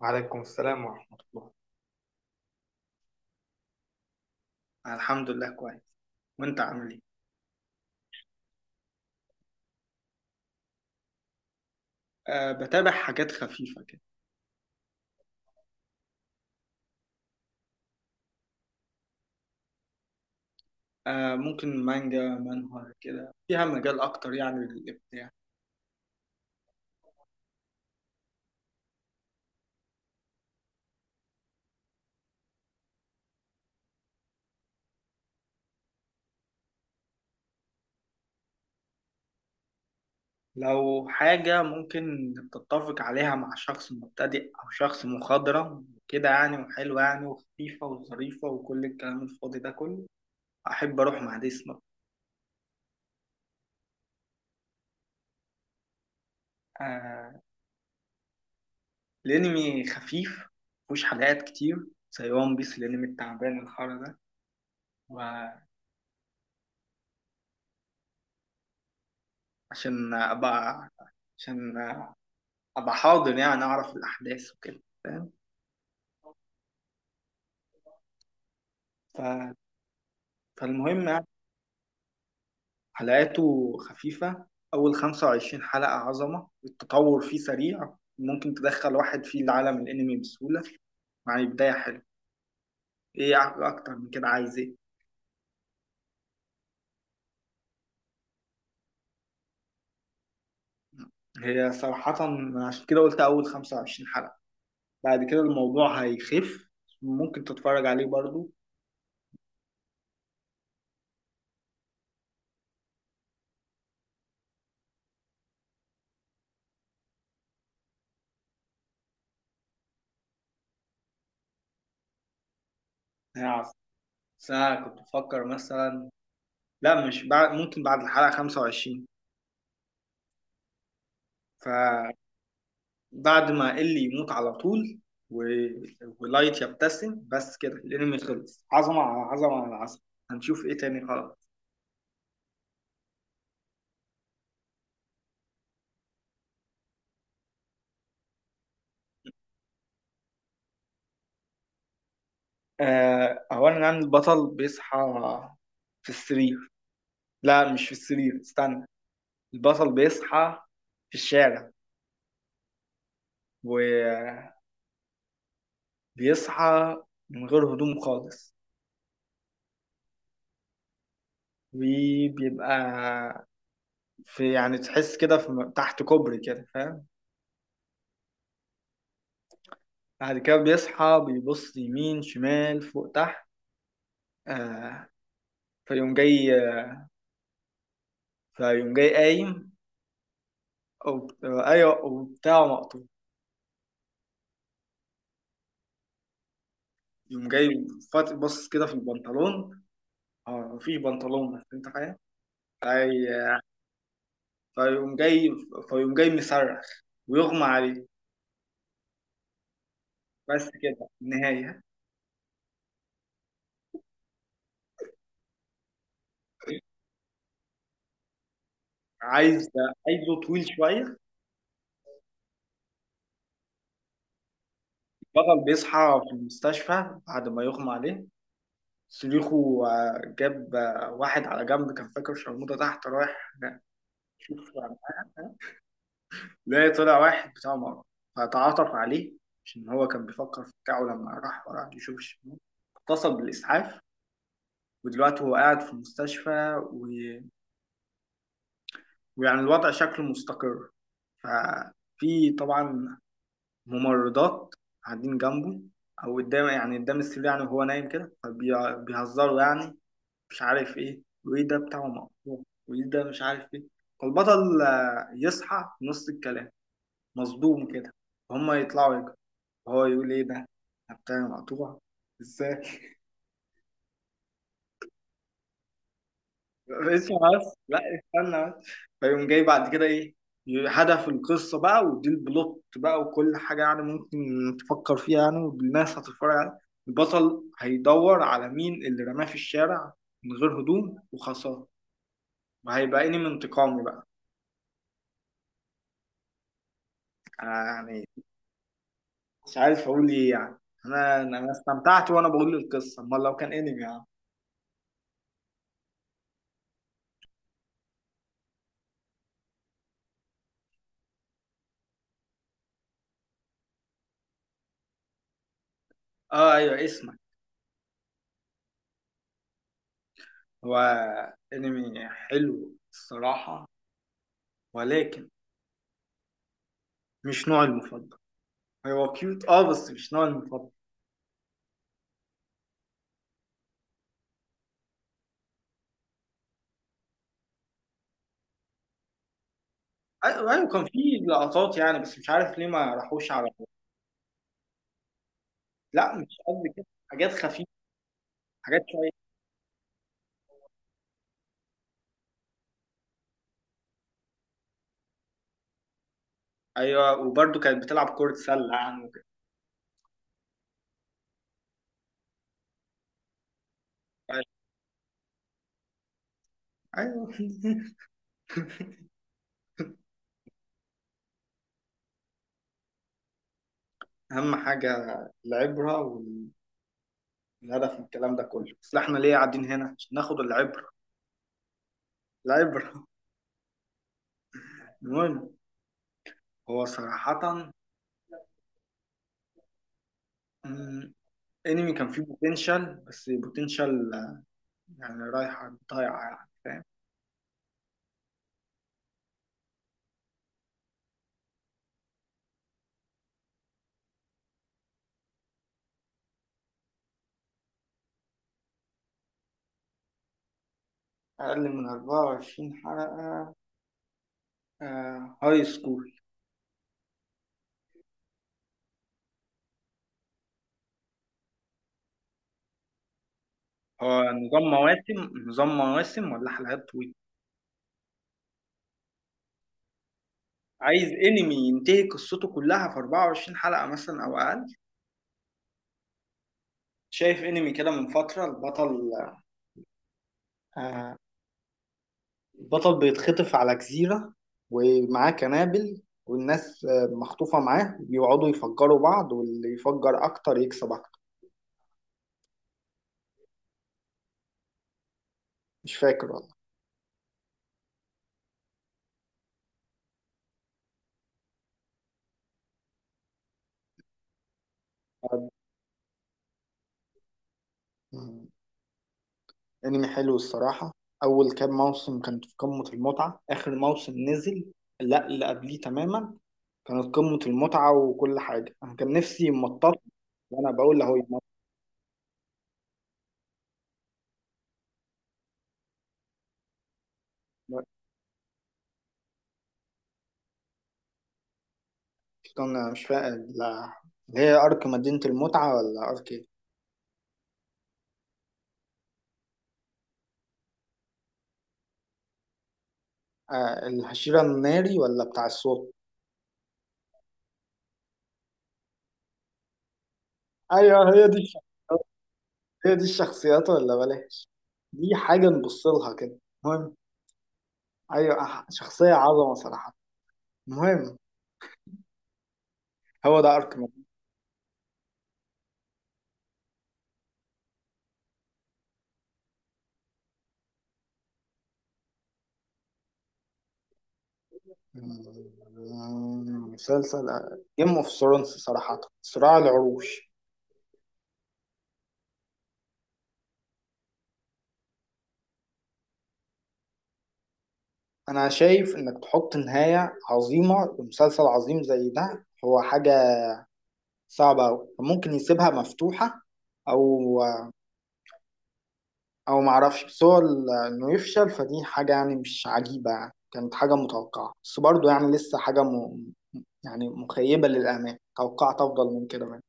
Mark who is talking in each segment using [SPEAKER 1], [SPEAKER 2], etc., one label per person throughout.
[SPEAKER 1] وعليكم السلام ورحمة الله. أنا الحمد لله كويس، وأنت عامل إيه؟ أه، بتابع حاجات خفيفة كده. أه، ممكن مانجا منهوا كده فيها مجال أكتر يعني للإبداع. لو حاجة ممكن تتفق عليها مع شخص مبتدئ أو شخص مخضرم كده يعني، وحلوة يعني وخفيفة وظريفة وكل الكلام الفاضي ده كله، أحب أروح مع دي سنوب. أه، الأنمي خفيف، مفهوش حلقات كتير زي وان بيس الأنمي التعبان الحر ده. عشان ابقى عشان ابقى حاضر، يعني اعرف الاحداث وكده فاهم. ف... فالمهم يعني، حلقاته خفيفه، اول 25 حلقه عظمه، التطور فيه سريع، ممكن تدخل واحد فيه العالم الانمي بسهوله، يعني بدايه حلوه. ايه، اكتر من كده عايز ايه. هي صراحة، عشان كده قلت أول 25 حلقة. بعد كده الموضوع هيخف، ممكن تتفرج عليه برضو. هيعرف، بس أنا كنت بفكر مثلا، لا مش بعد، ممكن بعد الحلقة 25. فبعد ما إلي يموت على طول و... ولايت يبتسم، بس كده الانمي خلص، عظمة على عظمة على عظمة. هنشوف ايه تاني، خلاص. اولا، عن البطل بيصحى في السرير. لا مش في السرير، استنى. البطل بيصحى في الشارع، وبيصحى من غير هدوم خالص. وبيبقى في يعني، تحس كده في تحت كوبري كده فاهم. بعد كده بيصحى، بيبص يمين شمال فوق تحت. آه فيقوم جاي فيقوم جاي قايم، أو أيوه، وبتاعه مقطوع. يقوم جاي، بص كده في البنطلون. اه، مفيش بنطلون، بس انت فاهم. في- فيقوم جاي فيقوم جاي مصرخ، ويغمى عليه. بس كده النهاية. عايز عايزه طويل شوية. البطل بيصحى في المستشفى بعد ما يغمى عليه، صريخه جاب واحد على جنب، كان فاكر شرموطة تحت رايح شوف معاها. لا، طلع واحد بتاع مغرب، فتعاطف عليه، عشان هو كان بيفكر في بتاعه لما راح، وراح يشوف الشمال، اتصل بالإسعاف. ودلوقتي هو قاعد في المستشفى، ويعني الوضع شكله مستقر. ففي طبعا ممرضات قاعدين جنبه، أو قدام يعني قدام السرير يعني، وهو نايم كده، فبيهزروا يعني، مش عارف إيه وإيه، ده بتاعه مقطوع وإيه ده، مش عارف إيه. فالبطل يصحى في نص الكلام، مصدوم كده، هما يطلعوا يجروا، هو يقول ايه ده، أنا بتاعي مقطوع ازاي؟ اسمع بس، لا استنى بس. فيقوم جاي بعد كده ايه؟ هدف القصة بقى، ودي البلوت بقى، وكل حاجة يعني ممكن تفكر فيها يعني والناس هتتفرج عليها. البطل هيدور على مين اللي رماه في الشارع من غير هدوم وخسارة، وهيبقى انمي انتقامي بقى. أنا يعني، مش عارف اقول ايه يعني. انا استمتعت وانا بقول القصة، امال لو كان انمي يعني. اه، ايوه، اسمع. هو انمي حلو الصراحة، ولكن مش نوعي المفضل. هو كيوت، اه، بس مش نوعي المفضل. ايوه، أيوة، كان في لقطات يعني، بس مش عارف ليه ما راحوش على. لا مش قصدي كده، حاجات خفيفة، حاجات شوية. ايوه، وبرده كانت بتلعب كرة سلة يعني وكده. ايوه. اهم حاجة العبرة، والهدف من الكلام ده كله، بس احنا ليه قاعدين هنا؟ عشان ناخد العبرة، العبرة. المهم، هو صراحة مم، انمي كان فيه بوتنشال، بس بوتنشال يعني رايحة ضايعة يعني فاهم. أقل من 24 حلقة، آه هاي سكول. هو نظام مواسم ولا حلقات طويلة؟ عايز انمي ينتهي قصته كلها في 24 حلقة مثلا أو أقل. شايف انمي كده من فترة. آه البطل بيتخطف على جزيرة ومعاه قنابل، والناس مخطوفة معاه، بيقعدوا يفجروا بعض، واللي يفجر أكتر يكسب أكتر. مش فاكر. والله انمي حلو الصراحة. اول كام موسم كانت في قمة المتعة، اخر موسم نزل، لا اللي قبليه تماما، كانت قمة المتعة وكل حاجة، انا كان نفسي يمطط. وانا بقول له، انا مش فاهم، اللي هي ارك مدينة المتعة ولا ارك ايه؟ آه، الهشيرة الناري ولا بتاع الصوت؟ ايوه، هي دي الشخصيات، هي دي الشخصيات ولا بلاش. دي حاجة نبص لها كده. المهم. ايوه، شخصية عظمة صراحة. المهم. هو ده ارك. مسلسل جيم اوف ثرونز، صراحة، صراع العروش. أنا شايف إنك تحط نهاية عظيمة لمسلسل عظيم زي ده هو حاجة صعبة أوي، ممكن يسيبها مفتوحة، أو معرفش. بس هو إنه يفشل، فدي حاجة يعني مش عجيبة يعني، كانت حاجة متوقعة، بس برضه يعني لسه حاجة يعني مخيبة للآمال، توقعت أفضل من كده منه.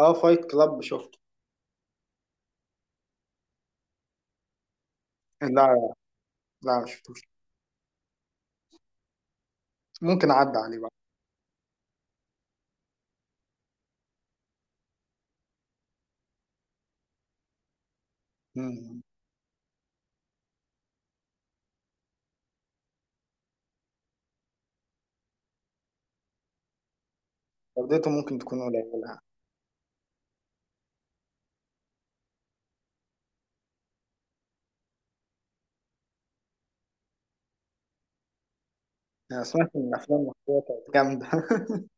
[SPEAKER 1] أه، فايت كلاب شفته. لا. لا، مشفتوش. ممكن أعدي عليه بقى. مم. جودته ممكن تكون قليلة. أنا سمعت إن الأفلام المصرية كانت جامدة.